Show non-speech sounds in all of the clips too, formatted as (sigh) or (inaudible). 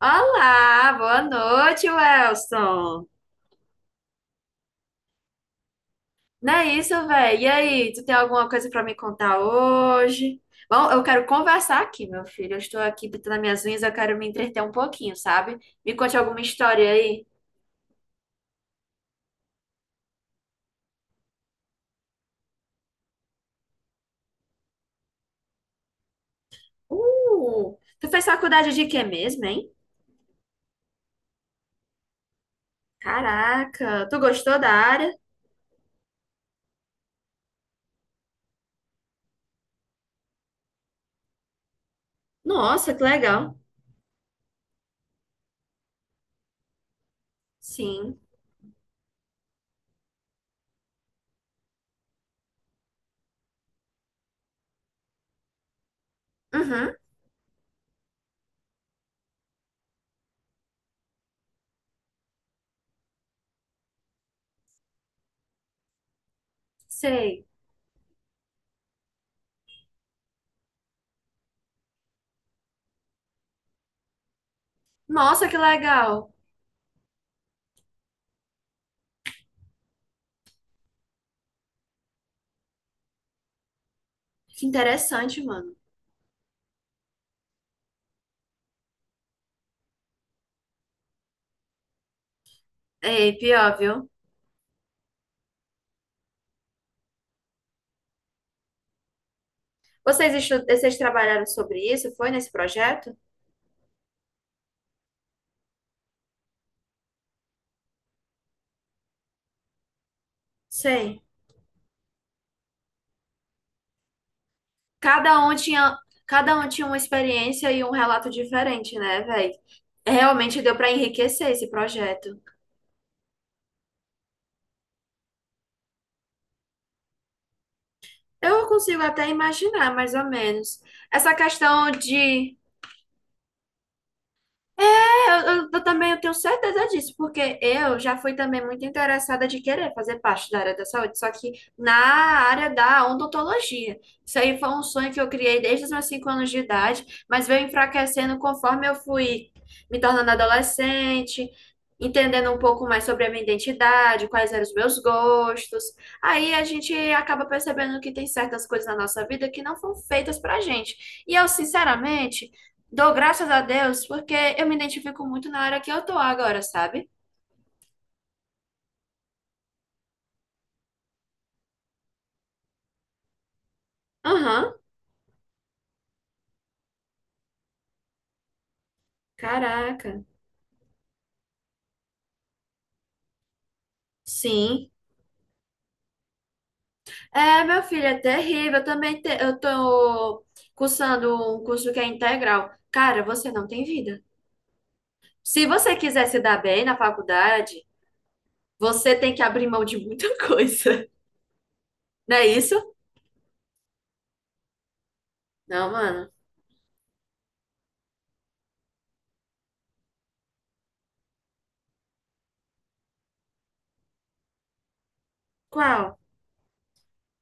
Olá, boa noite, Welson. Não é isso, velho? E aí, tu tem alguma coisa pra me contar hoje? Bom, eu quero conversar aqui, meu filho. Eu estou aqui pintando minhas unhas, eu quero me entreter um pouquinho, sabe? Me conte alguma história aí. Tu fez faculdade de quê mesmo, hein? Caraca, tu gostou da área? Nossa, que legal. Sim. Uhum, sei. Nossa, que legal. Que interessante, mano. Ei, pior, viu? Vocês trabalharam sobre isso? Foi nesse projeto? Sei. Cada um tinha, cada um tinha uma experiência e um relato diferente, né, velho? Realmente deu para enriquecer esse projeto. Eu consigo até imaginar, mais ou menos. Essa questão de. É, eu também eu tenho certeza disso, porque eu já fui também muito interessada de querer fazer parte da área da saúde, só que na área da odontologia. Isso aí foi um sonho que eu criei desde os meus 5 anos de idade, mas veio enfraquecendo conforme eu fui me tornando adolescente, entendendo um pouco mais sobre a minha identidade, quais eram os meus gostos. Aí a gente acaba percebendo que tem certas coisas na nossa vida que não foram feitas pra gente. E eu, sinceramente, dou graças a Deus porque eu me identifico muito na área que eu tô agora, sabe? Aham, caraca. Sim. É, meu filho, é terrível. Eu também te- eu tô cursando um curso que é integral. Cara, você não tem vida. Se você quiser se dar bem na faculdade, você tem que abrir mão de muita (laughs) coisa. Não é isso? Não, mano. Qual?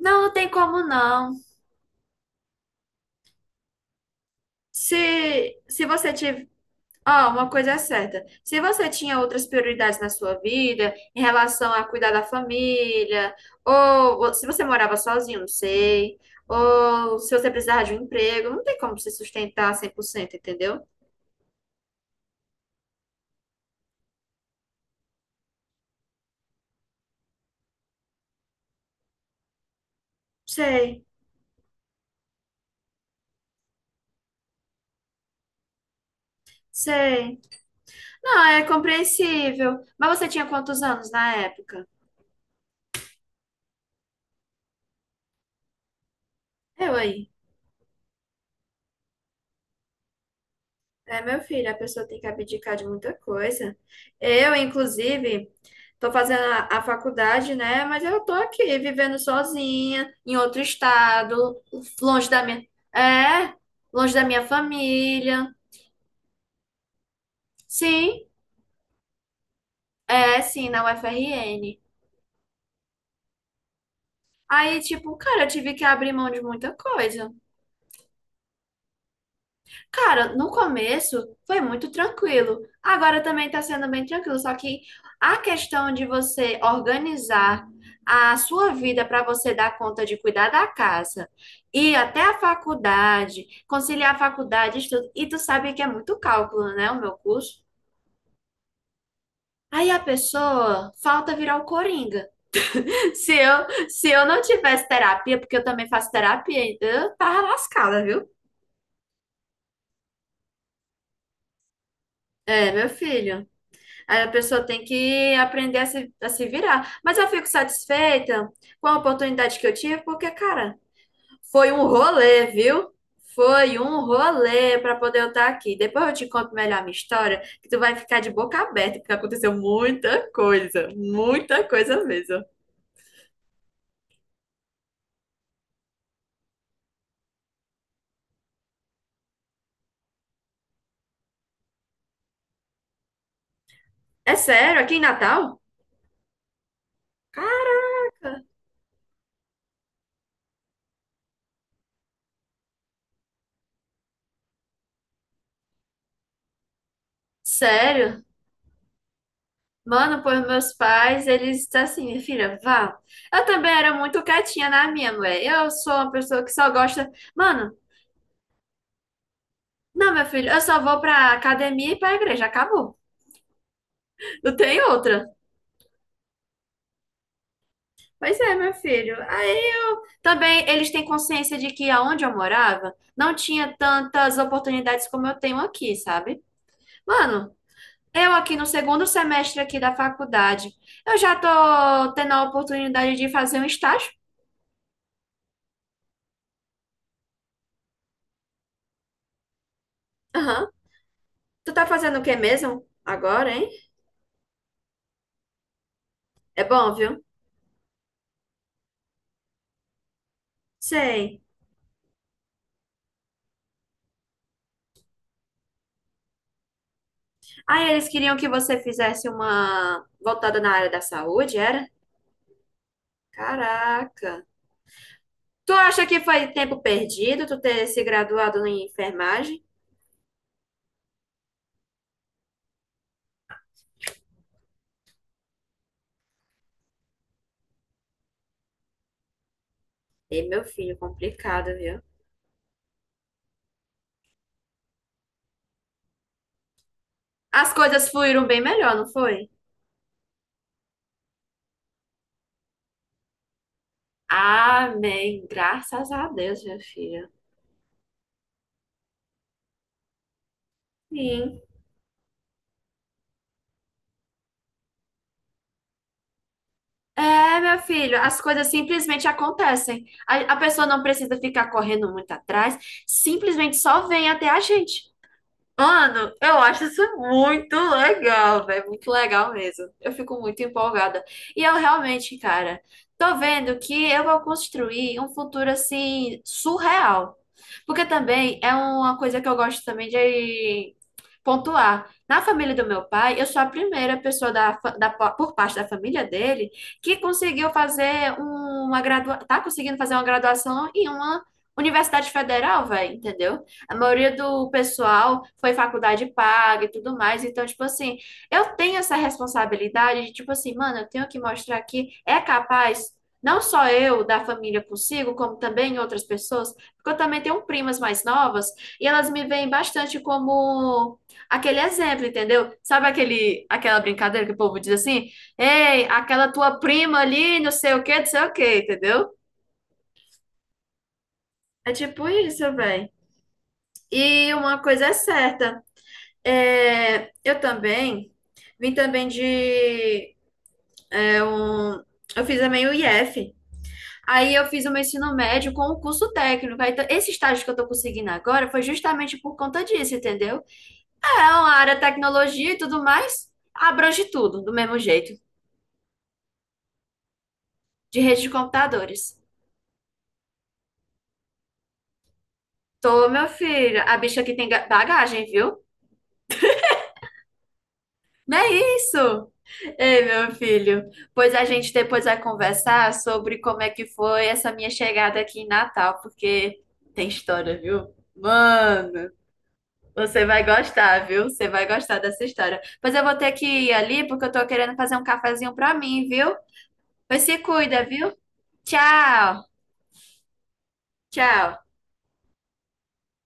Não, não tem como não. Se você tiver. Ó, uma coisa é certa. Se você tinha outras prioridades na sua vida, em relação a cuidar da família, ou se você morava sozinho, não sei, ou se você precisava de um emprego, não tem como se sustentar 100%, entendeu? Sei, sei. Não, é compreensível. Mas você tinha quantos anos na época? Eu aí. É, meu filho, a pessoa tem que abdicar de muita coisa. Eu, inclusive, estou fazendo a faculdade, né? Mas eu tô aqui vivendo sozinha, em outro estado, longe da minha, é, longe da minha família. Sim, é, sim, na UFRN. Aí, tipo, cara, eu tive que abrir mão de muita coisa. Cara, no começo foi muito tranquilo. Agora também tá sendo bem tranquilo. Só que a questão de você organizar a sua vida para você dar conta de cuidar da casa, ir até a faculdade, conciliar a faculdade, estudo, e tu sabe que é muito cálculo, né? O meu curso. Aí a pessoa falta virar o coringa. (laughs) Se eu não tivesse terapia, porque eu também faço terapia, eu tava lascada, viu? É, meu filho. Aí a pessoa tem que aprender a se virar. Mas eu fico satisfeita com a oportunidade que eu tive, porque, cara, foi um rolê, viu? Foi um rolê para poder eu estar aqui. Depois eu te conto melhor a minha história, que tu vai ficar de boca aberta, porque aconteceu muita coisa mesmo. É sério, aqui em Natal? Caraca, sério? Mano, pois meus pais, eles estão assim, minha filha, vá. Eu também era muito quietinha na minha, mulher. Eu sou uma pessoa que só gosta. Mano, não, meu filho, eu só vou pra academia e pra igreja, acabou. Não tem outra. Pois é, meu filho. Aí eu também eles têm consciência de que aonde eu morava não tinha tantas oportunidades como eu tenho aqui, sabe? Mano, eu aqui no segundo semestre aqui da faculdade, eu já tô tendo a oportunidade de fazer um estágio. Aham. Tu tá fazendo o que mesmo agora, hein? É bom, viu? Sei. Aí eles queriam que você fizesse uma voltada na área da saúde, era? Caraca. Tu acha que foi tempo perdido tu ter se graduado em enfermagem? Ei, meu filho, complicado, viu? As coisas fluíram bem melhor, não foi? Amém. Graças a Deus, meu filho. Sim. É, meu filho, as coisas simplesmente acontecem. A pessoa não precisa ficar correndo muito atrás, simplesmente só vem até a gente. Mano, eu acho isso muito legal, velho. Muito legal mesmo. Eu fico muito empolgada. E eu realmente, cara, tô vendo que eu vou construir um futuro assim surreal. Porque também é uma coisa que eu gosto também de pontuar. Na família do meu pai, eu sou a primeira pessoa da, fa- da, pa- por parte da família dele que conseguiu tá conseguindo fazer uma graduação em uma universidade federal, velho, entendeu? A maioria do pessoal foi faculdade paga e tudo mais. Então, tipo assim, eu tenho essa responsabilidade de, tipo assim, mano, eu tenho que mostrar que é capaz, não só eu da família consigo, como também outras pessoas, porque eu também tenho primas mais novas e elas me veem bastante como aquele exemplo, entendeu? Sabe aquela brincadeira que o povo diz assim? Ei, aquela tua prima ali, não sei o quê, não sei o quê, entendeu? É tipo isso, velho. E uma coisa é certa. É, eu também vim também de. é, um, eu fiz também o IF. Aí eu fiz o meu ensino médio com o curso técnico. Aí, esse estágio que eu tô conseguindo agora foi justamente por conta disso, entendeu? É uma área tecnologia e tudo mais, abrange tudo do mesmo jeito, de rede de computadores. Tô, meu filho, a bicha aqui tem bagagem, viu? Não é isso? Ei, meu filho, pois a gente depois vai conversar sobre como é que foi essa minha chegada aqui em Natal, porque tem história, viu? Mano, você vai gostar, viu? Você vai gostar dessa história. Pois eu vou ter que ir ali, porque eu tô querendo fazer um cafezinho pra mim, viu? Pois se cuida, viu? Tchau, tchau.